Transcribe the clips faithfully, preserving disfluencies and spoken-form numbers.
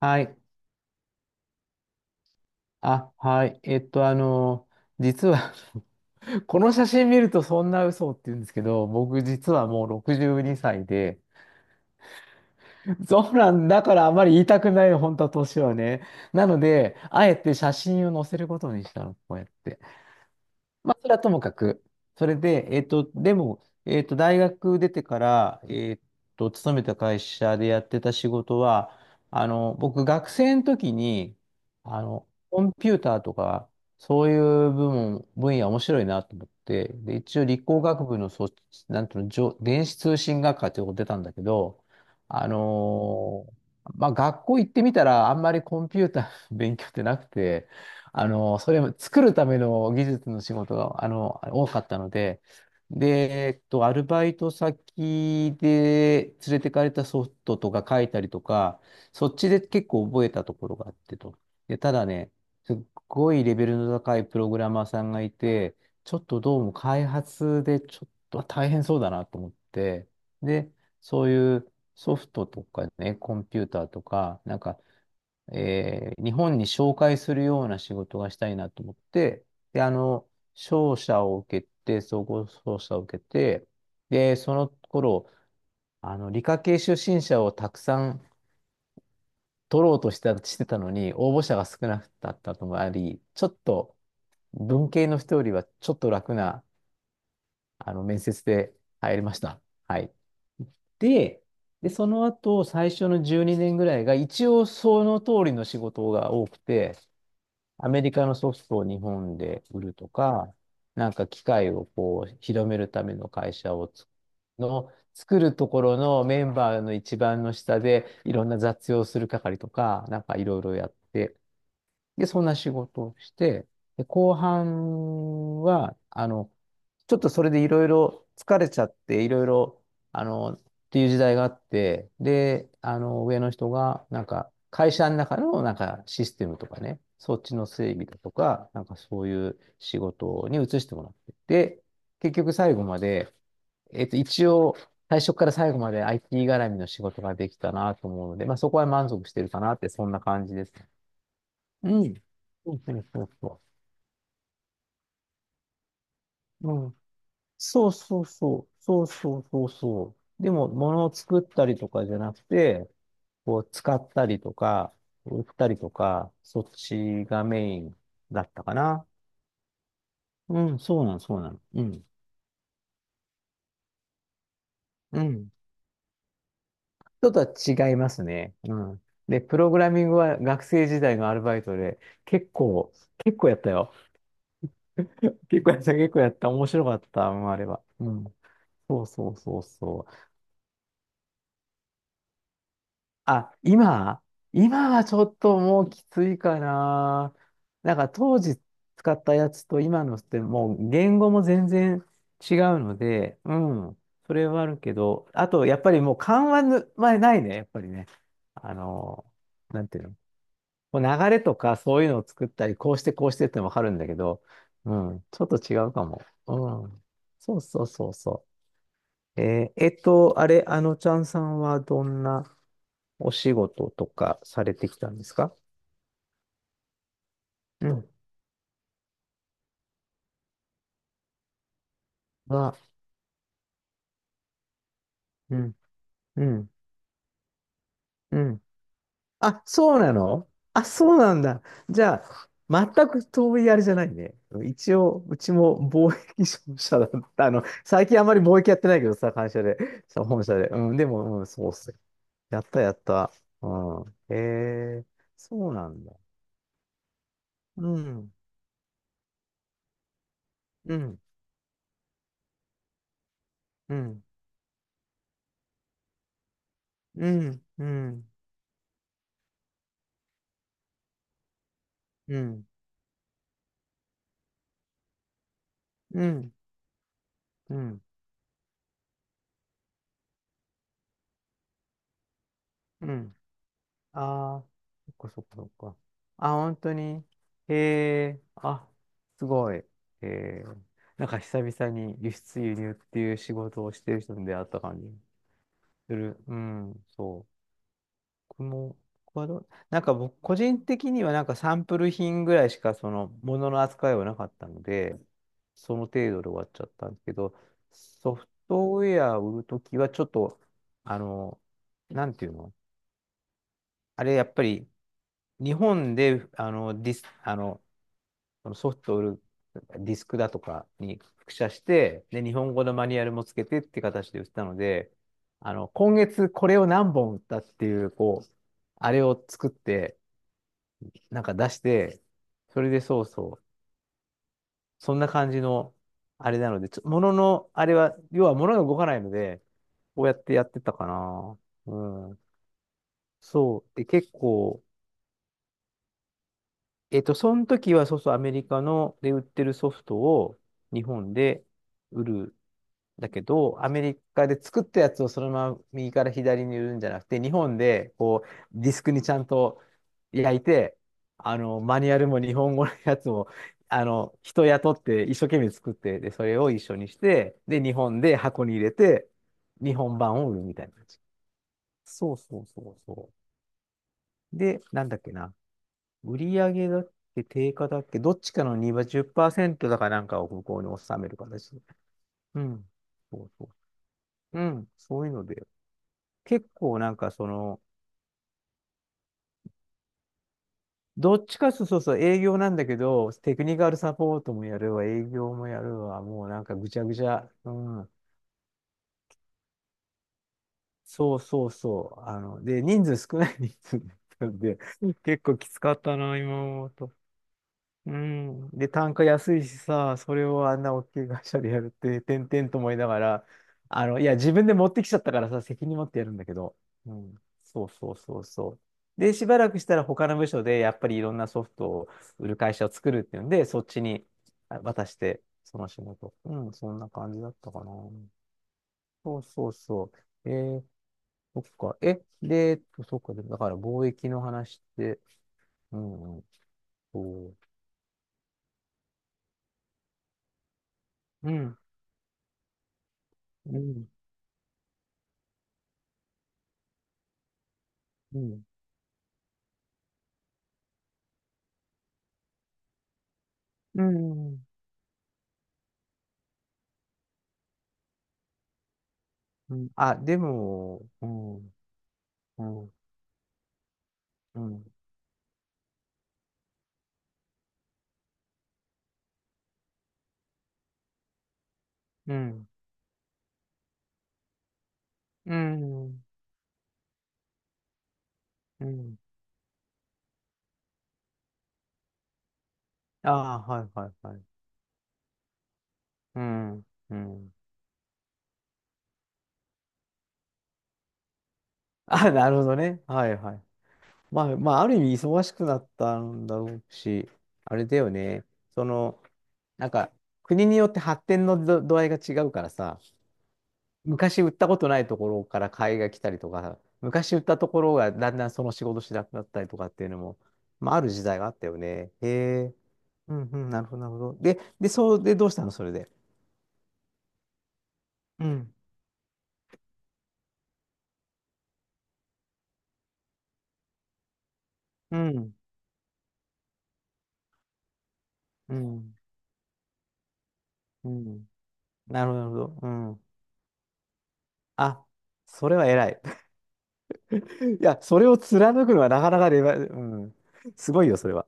はい。あ、はい。えっと、あの、実は、 この写真見るとそんな嘘って言うんですけど、僕実はもうろくじゅうにさいで、そうなんだから、あまり言いたくないの、本当は年はね。なので、あえて写真を載せることにしたの、こうやって。まあ、それはともかく。それで、えっと、でも、えっと、大学出てから、えっと、勤めた会社でやってた仕事は、あの、僕、学生の時に、あの、コンピューターとか、そういう部門、分野面白いなと思って、で、一応理工学部のそ、なんていうの、じょ電子通信学科っていうとこ出たんだけど、あのーまあ、学校行ってみたら、あんまりコンピューターの勉強ってなくて、あの、それも作るための技術の仕事が、あの、多かったので、で、えっと、アルバイト先で連れてかれたソフトとか書いたりとか、そっちで結構覚えたところがあってと。で、ただね、すっごいレベルの高いプログラマーさんがいて、ちょっとどうも開発でちょっと大変そうだなと思って、で、そういうソフトとかね、コンピューターとか、なんかえー日本に紹介するような仕事がしたいなと思って、で、あの、商社を受けて、総合商社を受けて、で、その頃、あの、理科系出身者をたくさん取ろうとしてた、してたのに、応募者が少なかったともあり、ちょっと文系の人よりはちょっと楽な、あの、面接で入りました。はい。で、で、その後、最初のじゅうにねんぐらいが、一応その通りの仕事が多くて、アメリカのソフトを日本で売るとか、なんか機械をこう広めるための会社をつの作るところのメンバーの一番の下でいろんな雑用する係とか、なんかいろいろやって、で、そんな仕事をして、で、後半は、あの、ちょっとそれでいろいろ疲れちゃって、いろいろ、あの、っていう時代があって、で、あの、上の人が、なんか、会社の中の、なんか、システムとかね、そっちの整備だとか、なんかそういう仕事に移してもらって、で、結局最後まで、えっと、一応、最初から最後まで アイティー 絡みの仕事ができたなと思うので、まあ、そこは満足してるかなって、そんな感じです。うん。そうそうそうそう。うん。そうそうそう。そうそうそうそう。でも、物を作ったりとかじゃなくて、こう、使ったりとか、売ったりとか、そっちがメインだったかな。うん、そうなの、そうなの。うん。うん。ちょっとは違いますね。うん。で、プログラミングは学生時代のアルバイトで、結構、結構やったよ。結構やった、結構やった。面白かった、あれは。うん。そうそうそうそう。あ、今、今はちょっともうきついかな。なんか当時使ったやつと今のってもう言語も全然違うので、うん、それはあるけど、あとやっぱりもう緩和ぬ、まあ、ないね、やっぱりね。あの、なんていうの、こう流れとかそういうのを作ったり、こうしてこうしてってわかるんだけど、うん、ちょっと違うかも。うん。そうそうそうそう。えーえっと、あれ、あのちゃんさんはどんなお仕事とかされてきたんですか？うん。は、うん、うん、うん。あ、そうなの、あ、そうなんだ。じゃあ、全く遠いあれじゃないね。一応、うちも貿易商社だった。あの、最近あまり貿易やってないけどさ、会社で、そう、本社で。うん、でも、うん、そうっす。やった、やった。うん。へえ、そうなんだ。うん、うん、うん、うん、うん、うん、うん、うん、うん。ああ、そっかそっかそっか。あ、本当に。へえ、あ、すごい。へえ、なんか久々に輸出輸入っていう仕事をしてる人に出会った感じする。うん、そう。僕も、僕はどうなんか僕、個人的にはなんかサンプル品ぐらいしかそのものの扱いはなかったので、その程度で終わっちゃったんですけど、ソフトウェアを売るときはちょっと、あの、なんていうの、あれ、やっぱり、日本で、あの、ディス、あの、ソフトを売るディスクだとかに複写して、で、日本語のマニュアルもつけてって形で売ったので、あの、今月これを何本売ったっていう、こう、あれを作って、なんか出して、それでそうそう、そんな感じの、あれなので、ちょ、のあれは、要は物が動かないので、こうやってやってたかな。うん。そう。で、結構、えっと、その時は、そうそう、アメリカので売ってるソフトを日本で売る。だけど、アメリカで作ったやつをそのまま右から左に売るんじゃなくて、日本でこうディスクにちゃんと焼いて、あの、マニュアルも日本語のやつも、あの、人雇って一生懸命作って、で、それを一緒にして、で、日本で箱に入れて、日本版を売るみたいな感じ。そうそうそうそう。で、なんだっけな。売り上げだっけ、定価だっけ、どっちかのにはじっパーセントだかなんかを向こうに収める形で。うん。そうそう。うん。そういうので。結構なんかその、どっちかというとそうそう営業なんだけど、テクニカルサポートもやるわ、営業もやるわ、もうなんかぐちゃぐちゃ。うん。そうそうそう。あの、で、人数少ない人数だったんで、結構きつかったな、今思うと。うん。で、単価安いしさ、それをあんな大きい会社でやるって、てんてんと思いながら、あの、いや、自分で持ってきちゃったからさ、責任持ってやるんだけど。うん。そうそうそうそう。で、しばらくしたら他の部署で、やっぱりいろんなソフトを売る会社を作るっていうんで、そっちに、あ、渡して、その仕事。うん、そんな感じだったかな。そうそうそう。えー、そっか。え、で、えっとそっか。でだから貿易の話って、うん、うん、そう。うん、うん、うん。うん。うん。あ、でも、うん、うん、うん、うん、うん、うん。ああ、はいはいはい。うん、うん。あ、なるほどね。はいはい。まあ、まあ、ある意味忙しくなったんだろうし、あれだよね。その、なんか、国によって発展のど度合いが違うからさ、昔売ったことないところから買いが来たりとか、昔売ったところがだんだんその仕事しなくなったりとかっていうのも、まあ、ある時代があったよね。へえ。うん、うん、なるほど、なるほど。で、で、そうで、どうしたのそれで。うん、うん、うん、うん。なるほど、なるほど。うん。あ、それは偉い。いや、それを貫くのはなかなかで、うん。すごいよ、それは。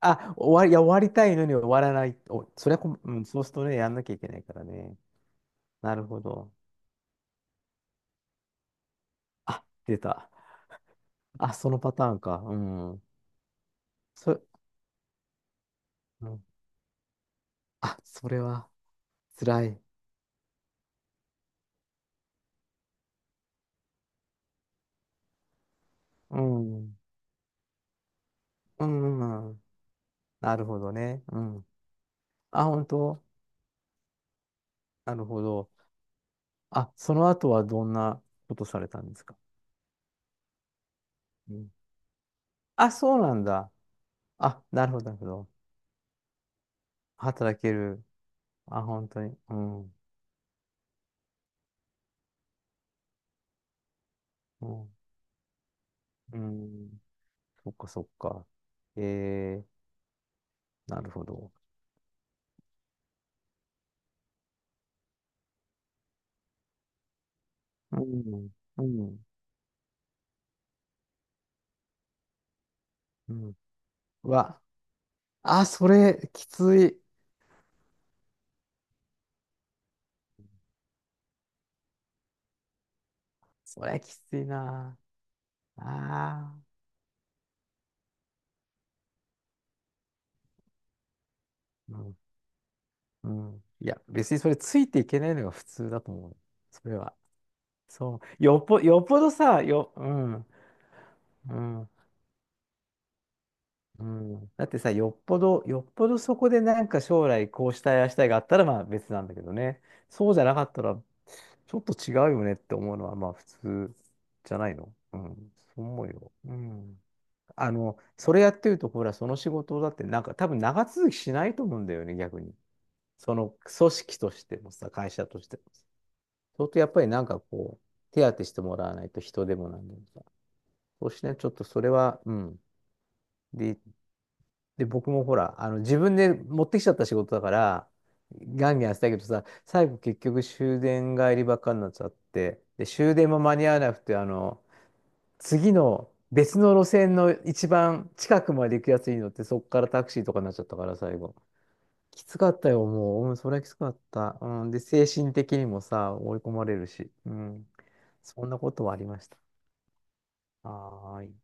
あ、終わり、いや、終わりたいのに終わらない。お、それはこ、うん、そうするとね、やんなきゃいけないからね。なるほど。あ、出た。あ、そのパターンか。うん。そ、うん、あ、それは、辛い。うん。うん、うん、うん。なるほどね。うん。あ、本当。なるほど。あ、その後はどんなことされたんですか？うん、あ、そうなんだ。あ、なるほど、なるほど。働ける。あ、本当に。うん。うん。うん。そっか、そっか。えー、なるほど。うん。うん。うん。うわ。あ、それ、きつい。それ、きついな。ああ。うん。うん。いや、別にそれ、ついていけないのが普通だと思う。それは。そう。よっぽ、よっぽどさ、よ、うん。うん。うん、だってさ、よっぽど、よっぽどそこでなんか将来こうしたい、ああしたいがあったらまあ別なんだけどね。そうじゃなかったら、ちょっと違うよねって思うのはまあ普通じゃないの、うん、そう思うよ。うん。あの、それやってると、ほら、その仕事だってなんか多分長続きしないと思うんだよね、逆に。その組織としてもさ、会社としてもさ。相当やっぱりなんかこう、手当てしてもらわないと人でもなんでもさ。そしてね、ちょっとそれは、うん。で、で、僕もほら、あの、自分で持ってきちゃった仕事だから、ガンガンやってたけどさ、最後結局終電帰りばっかになっちゃって、で、終電も間に合わなくて、あの、次の別の路線の一番近くまで行くやつに乗って、そっからタクシーとかになっちゃったから、最後。きつかったよ、もう。うん、それはきつかった。うん、で、精神的にもさ、追い込まれるし。うん。そんなことはありました。はーい。